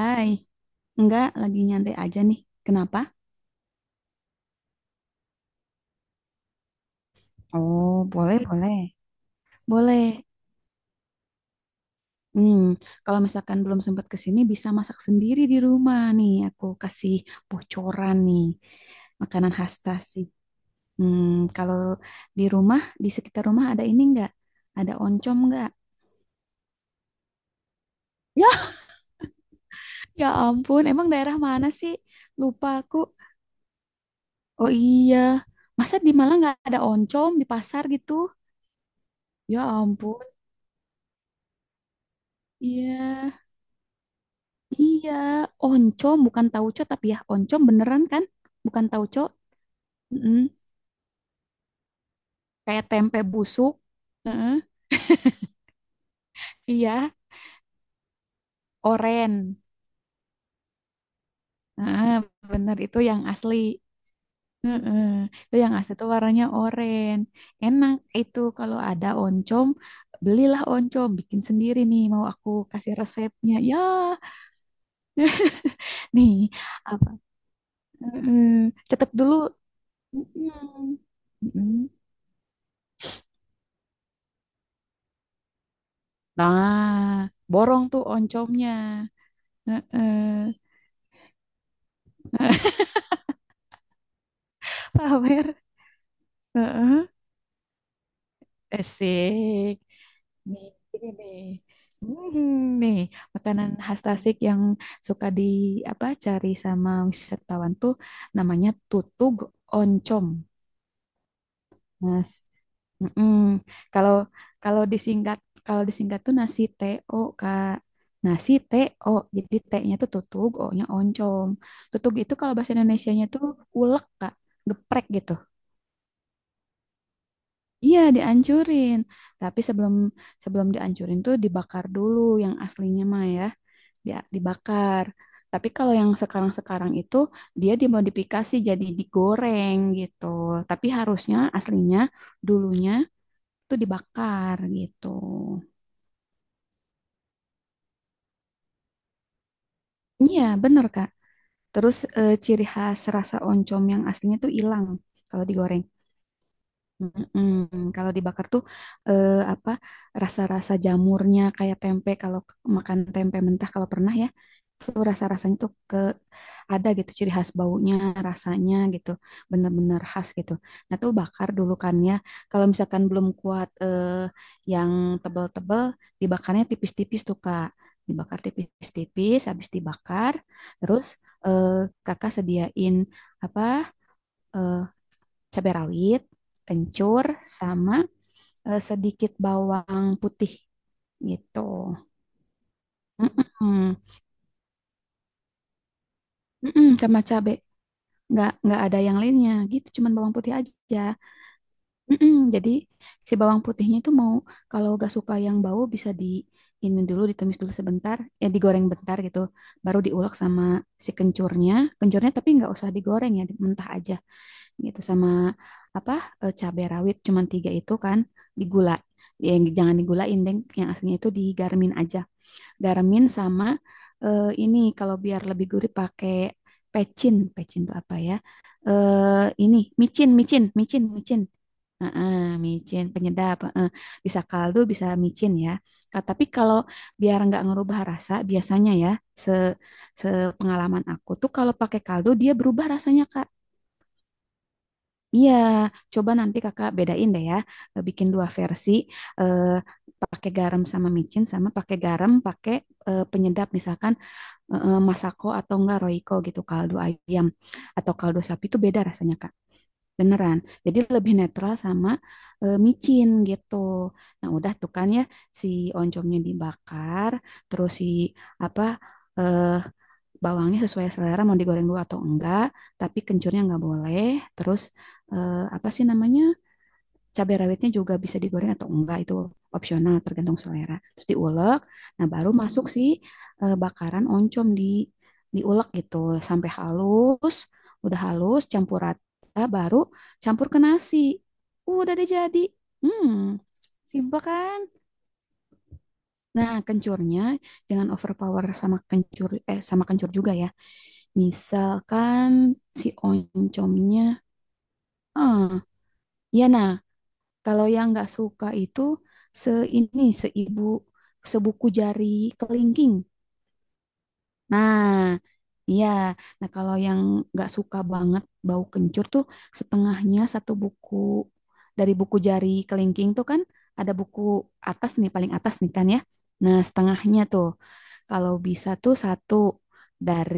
Hai, enggak lagi nyantai aja nih. Kenapa? Oh, boleh, boleh. Boleh. Hmm, kalau misalkan belum sempat ke sini bisa masak sendiri di rumah nih. Aku kasih bocoran nih. Makanan khas Tasik. Hmm, kalau di rumah, di sekitar rumah ada ini enggak? Ada oncom enggak? Ya, ya ampun. Emang daerah mana sih? Lupa aku. Oh, iya. Masa di Malang nggak ada oncom di pasar gitu? Ya ampun. Iya. Iya, oncom bukan tauco tapi ya oncom beneran kan? Bukan tauco. Mm-mm. Kayak tempe busuk. Heeh. Iya, oren. Heeh, bener itu yang asli. Heeh. Itu yang asli tuh warnanya oren. Enak itu kalau ada oncom, belilah oncom, bikin sendiri nih. Mau aku kasih resepnya. Ya, nih, apa? Heeh. Catat dulu. Mm-mm. Mm-mm. Nah, borong tuh oncomnya. Heeh. Heeh. Pamer. Heeh. Asik. Nih, ini nih. Hmm, nih, makanan khas Tasik yang suka di apa, cari sama wisatawan tuh namanya tutug oncom, Mas. Mm-mm. Kalau kalau disingkat tuh nasi TO, Kak. Nasi TO. Jadi T-nya tuh tutug, O-nya oncom. Tutug itu kalau bahasa Indonesianya tuh ulek, Kak. Geprek gitu. Iya, dihancurin. Tapi sebelum sebelum dihancurin tuh dibakar dulu yang aslinya mah ya, dia dibakar. Tapi kalau yang sekarang-sekarang itu dia dimodifikasi jadi digoreng gitu. Tapi harusnya aslinya dulunya tuh dibakar gitu. Iya, bener Kak. Terus eh, ciri khas rasa oncom yang aslinya tuh hilang kalau digoreng. Mm-mm. Kalau dibakar tuh eh, apa, rasa-rasa jamurnya kayak tempe, kalau makan tempe mentah kalau pernah ya, tuh rasa-rasanya tuh ke ada gitu, ciri khas baunya, rasanya gitu, bener-bener khas gitu. Nah tuh bakar dulu kan ya, kalau misalkan belum kuat eh, yang tebel-tebel dibakarnya tipis-tipis tuh Kak, dibakar tipis-tipis, habis dibakar terus eh, kakak sediain apa eh, cabai rawit, kencur, sama eh, sedikit bawang putih gitu. Mm-mm. Mm-mm, sama cabe. Nggak ada yang lainnya gitu, cuman bawang putih aja. Mm-mm. Jadi si bawang putihnya itu mau, kalau nggak suka yang bau bisa di ini dulu, ditumis dulu sebentar, ya digoreng bentar gitu. Baru diulek sama si kencurnya. Kencurnya tapi nggak usah digoreng ya, mentah aja gitu, sama apa eh, cabai rawit cuman tiga itu kan digula, ya, jangan digulain, Deng. Yang aslinya itu digarmin aja. Garmin sama eh, ini kalau biar lebih gurih pakai pecin. Pecin itu apa ya? Eh, ini micin, micin, micin, micin. Heeh, micin penyedap. Heeh. Bisa kaldu, bisa micin ya. Tapi kalau biar nggak ngerubah rasa, biasanya ya, se sepengalaman aku tuh kalau pakai kaldu dia berubah rasanya Kak. Iya, coba nanti kakak bedain deh ya. Eh, bikin dua versi, eh, pakai garam sama micin, sama pakai garam pakai eh, penyedap misalkan, eh, masako atau enggak roiko gitu, kaldu ayam atau kaldu sapi itu beda rasanya Kak. Beneran. Jadi lebih netral sama eh, micin gitu. Nah, udah tuh kan ya, si oncomnya dibakar, terus si apa eh, bawangnya sesuai selera mau digoreng dulu atau enggak, tapi kencurnya enggak boleh. Terus eh, apa sih namanya, cabai rawitnya juga bisa digoreng atau enggak, itu opsional tergantung selera, terus diulek. Nah, baru masuk si eh, bakaran oncom, di diulek gitu sampai halus. Udah halus campur rata, baru campur ke nasi. Udah deh jadi. Hmm, simple kan. Nah, kencurnya jangan overpower sama kencur, eh, sama kencur juga ya, misalkan si oncomnya eh, ya nah. Kalau yang nggak suka itu se, ini seibu, sebuku jari kelingking. Nah, iya. Nah, kalau yang nggak suka banget bau kencur tuh setengahnya, satu buku dari buku jari kelingking tuh kan, ada buku atas nih, paling atas nih kan ya. Nah, setengahnya tuh kalau bisa tuh satu, dari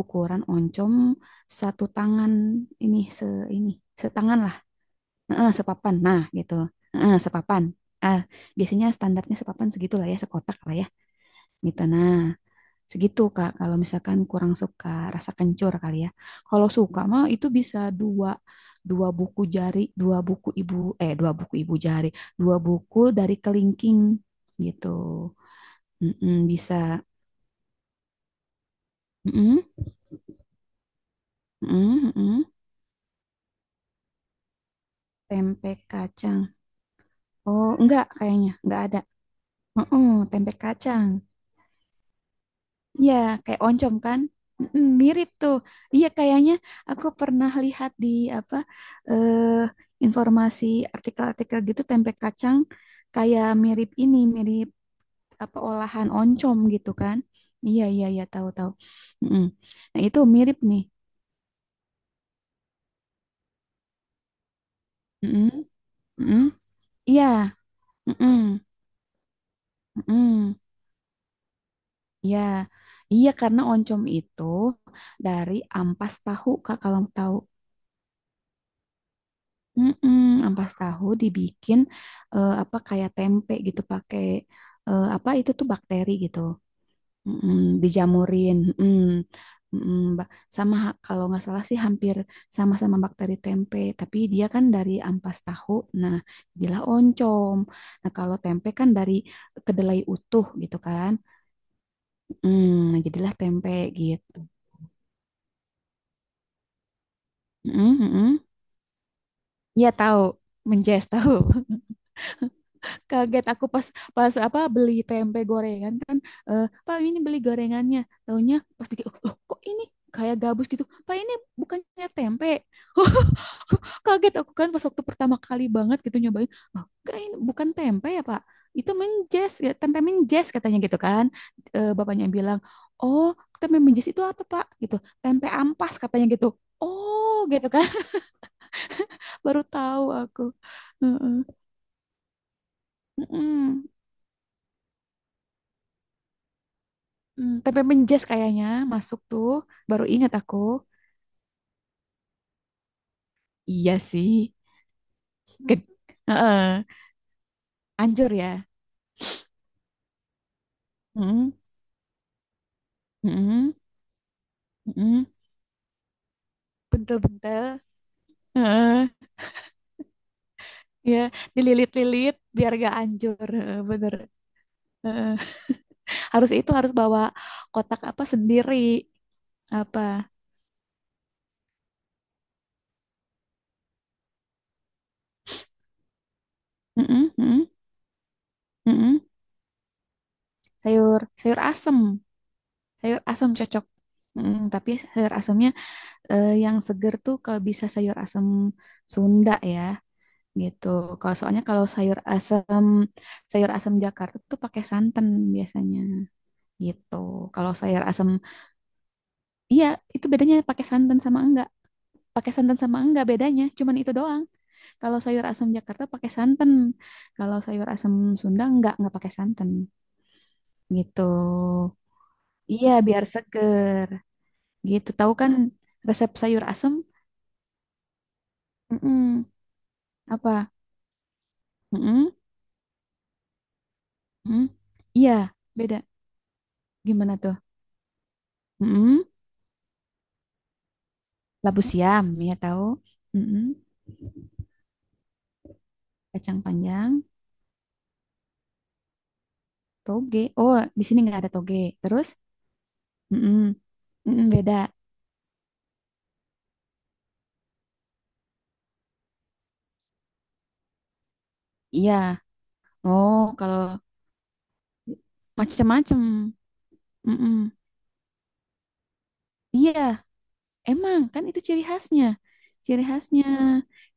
ukuran oncom satu tangan, ini se, ini setangan. Heeh, sepapan. Nah, gitu. Heeh, sepapan. Ah, biasanya standarnya sepapan segitu lah ya, sekotak lah ya. Gitu. Nah, segitu Kak. Kalau misalkan kurang suka rasa kencur kali ya. Kalau suka mah itu bisa dua, dua buku jari, dua buku ibu, eh, dua buku ibu jari, dua buku dari kelingking gitu. Mm-mm, bisa. Mm-mm, mm-mm, mm-mm. Tempe kacang. Oh, enggak kayaknya, enggak ada. Mm-mm, tempe kacang. Iya, kayak oncom kan? Mm, mirip tuh. Iya, kayaknya aku pernah lihat di apa eh, informasi, artikel-artikel gitu, tempe kacang kayak mirip ini, mirip apa, olahan oncom gitu kan? Iya, iya, iya, tahu-tahu. Mm. Nah, itu mirip nih. Mm-mm, mm-mm. Iya, mm-mm, mm-mm. Iya. Iya, karena oncom itu dari ampas tahu, Kak, kalau tahu. Mm-mm, ampas tahu dibikin eh, apa kayak tempe gitu, pakai eh, apa itu tuh bakteri gitu. Mm-mm, dijamurin. Mm-mm, mm-mm, sama kalau nggak salah sih hampir sama-sama bakteri tempe, tapi dia kan dari ampas tahu. Nah, jadilah oncom. Nah, kalau tempe kan dari kedelai utuh gitu kan. Mm, nah, jadilah tempe gitu. Mm-mm, mm-mm. Iya, tahu, menjes tahu. Kaget aku pas, pas apa beli tempe gorengan kan, eh, Pak ini beli gorengannya, taunya pas dikit, "Oh, loh, kok ini kayak gabus gitu, Pak, ini bukannya tempe?" Kaget aku kan pas waktu pertama kali banget gitu nyobain, oh, enggak, ini bukan tempe ya Pak, itu menjes, ya tempe menjes katanya gitu kan. Eh, bapaknya bilang, oh, tempe menjes itu apa Pak gitu, tempe ampas katanya gitu, oh gitu kan. Baru tahu aku. Heeh. Mm-mm. Peppermint Jazz kayaknya masuk tuh. Baru ingat aku. Iya sih. Ged- Heeh, anjur ya. Mm-mm, mm, mm, bentel-bentel. Heeh, ya. Dililit-lilit biar gak anjur. Heeh, bener. Heeh. Harus itu, harus bawa kotak apa sendiri. Apa? Mm, mm-mm. Sayur, sayur asem. Sayur asem cocok. Mm, tapi sayur asemnya eh, yang seger tuh kalau bisa sayur asem Sunda ya. Gitu. Kalau soalnya kalau sayur asam, sayur asam Jakarta tuh pakai santan biasanya gitu. Kalau sayur asam, iya, itu bedanya pakai santan sama enggak. Pakai santan sama enggak bedanya, cuman itu doang. Kalau sayur asam Jakarta pakai santan. Kalau sayur asam Sunda enggak pakai santan gitu. Iya, biar seger gitu. Tahu kan resep sayur asam. Mm-mm. Apa? Mm-mm. Mm-mm. Iya, beda. Gimana tuh? Mm-mm. Labu siam, ya tahu. Mm-mm. Kacang panjang, toge. Oh, di sini nggak ada toge. Terus, mm-mm. Mm-mm, beda. Iya. Oh, kalau macam-macam. Mm-mm. Iya, emang kan itu ciri khasnya. Ciri khasnya.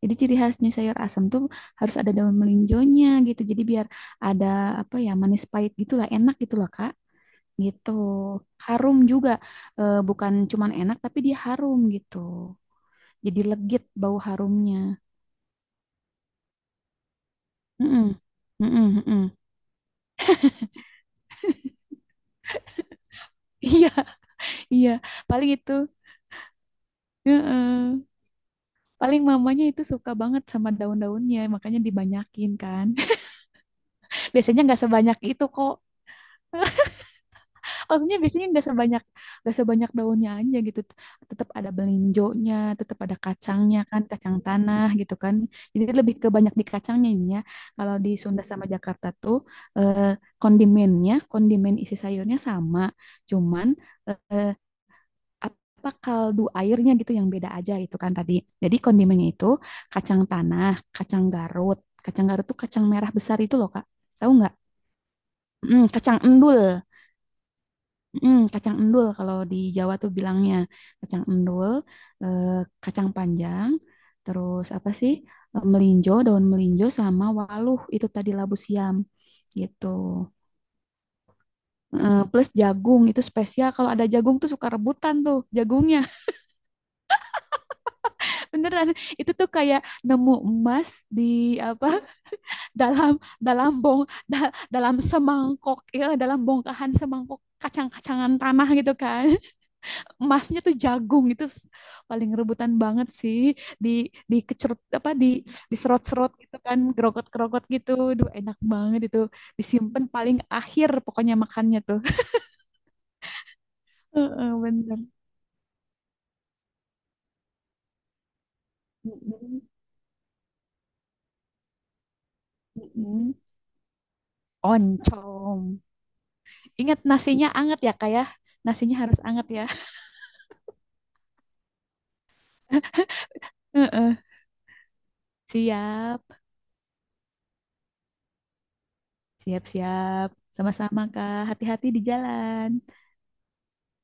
Jadi ciri khasnya sayur asam tuh harus ada daun melinjonya gitu. Jadi biar ada apa ya, manis pahit gitulah, enak gitulah Kak. Gitu. Harum juga. Eh, bukan cuman enak tapi dia harum gitu. Jadi legit bau harumnya. Mm-mm. Mm-mm, mm-mm. Iya, iya. Paling itu. Heeh. Paling mamanya itu suka banget sama daun-daunnya, makanya dibanyakin kan. Biasanya nggak sebanyak itu kok. Maksudnya biasanya nggak sebanyak, nggak sebanyak daunnya aja gitu. Tetap ada belinjonya, tetap ada kacangnya kan, kacang tanah gitu kan. Jadi lebih ke banyak di kacangnya ini ya. Kalau di Sunda sama Jakarta tuh eh, kondimennya, kondimen isi sayurnya sama, cuman eh, apa, kaldu airnya gitu yang beda aja itu kan tadi. Jadi kondimennya itu kacang tanah, kacang garut. Kacang garut tuh kacang merah besar itu loh Kak. Tahu nggak? Mm, kacang endul. Mm, kacang endul kalau di Jawa tuh bilangnya kacang endul, eh, kacang panjang, terus apa sih? Eh, melinjo, daun melinjo sama waluh itu tadi labu siam gitu. Eh, plus jagung itu spesial, kalau ada jagung tuh suka rebutan tuh jagungnya. Beneran, itu tuh kayak nemu emas di apa, dalam dalam bong da- dalam semangkok ya, dalam bongkahan semangkok kacang-kacangan tanah gitu kan. Emasnya tuh jagung itu paling rebutan banget sih, di di kecerut apa di diserot-serot gitu kan, gerogot-gerogot gitu. Duh, enak banget itu. Disimpan paling akhir pokoknya makannya tuh. Heeh, bener. Mm-mm, mm-mm. Oncom. Ingat nasinya anget ya, kayak, nasinya harus anget ya. Heeh. Siap, siap, siap. Sama-sama, Kak. Hati-hati di jalan.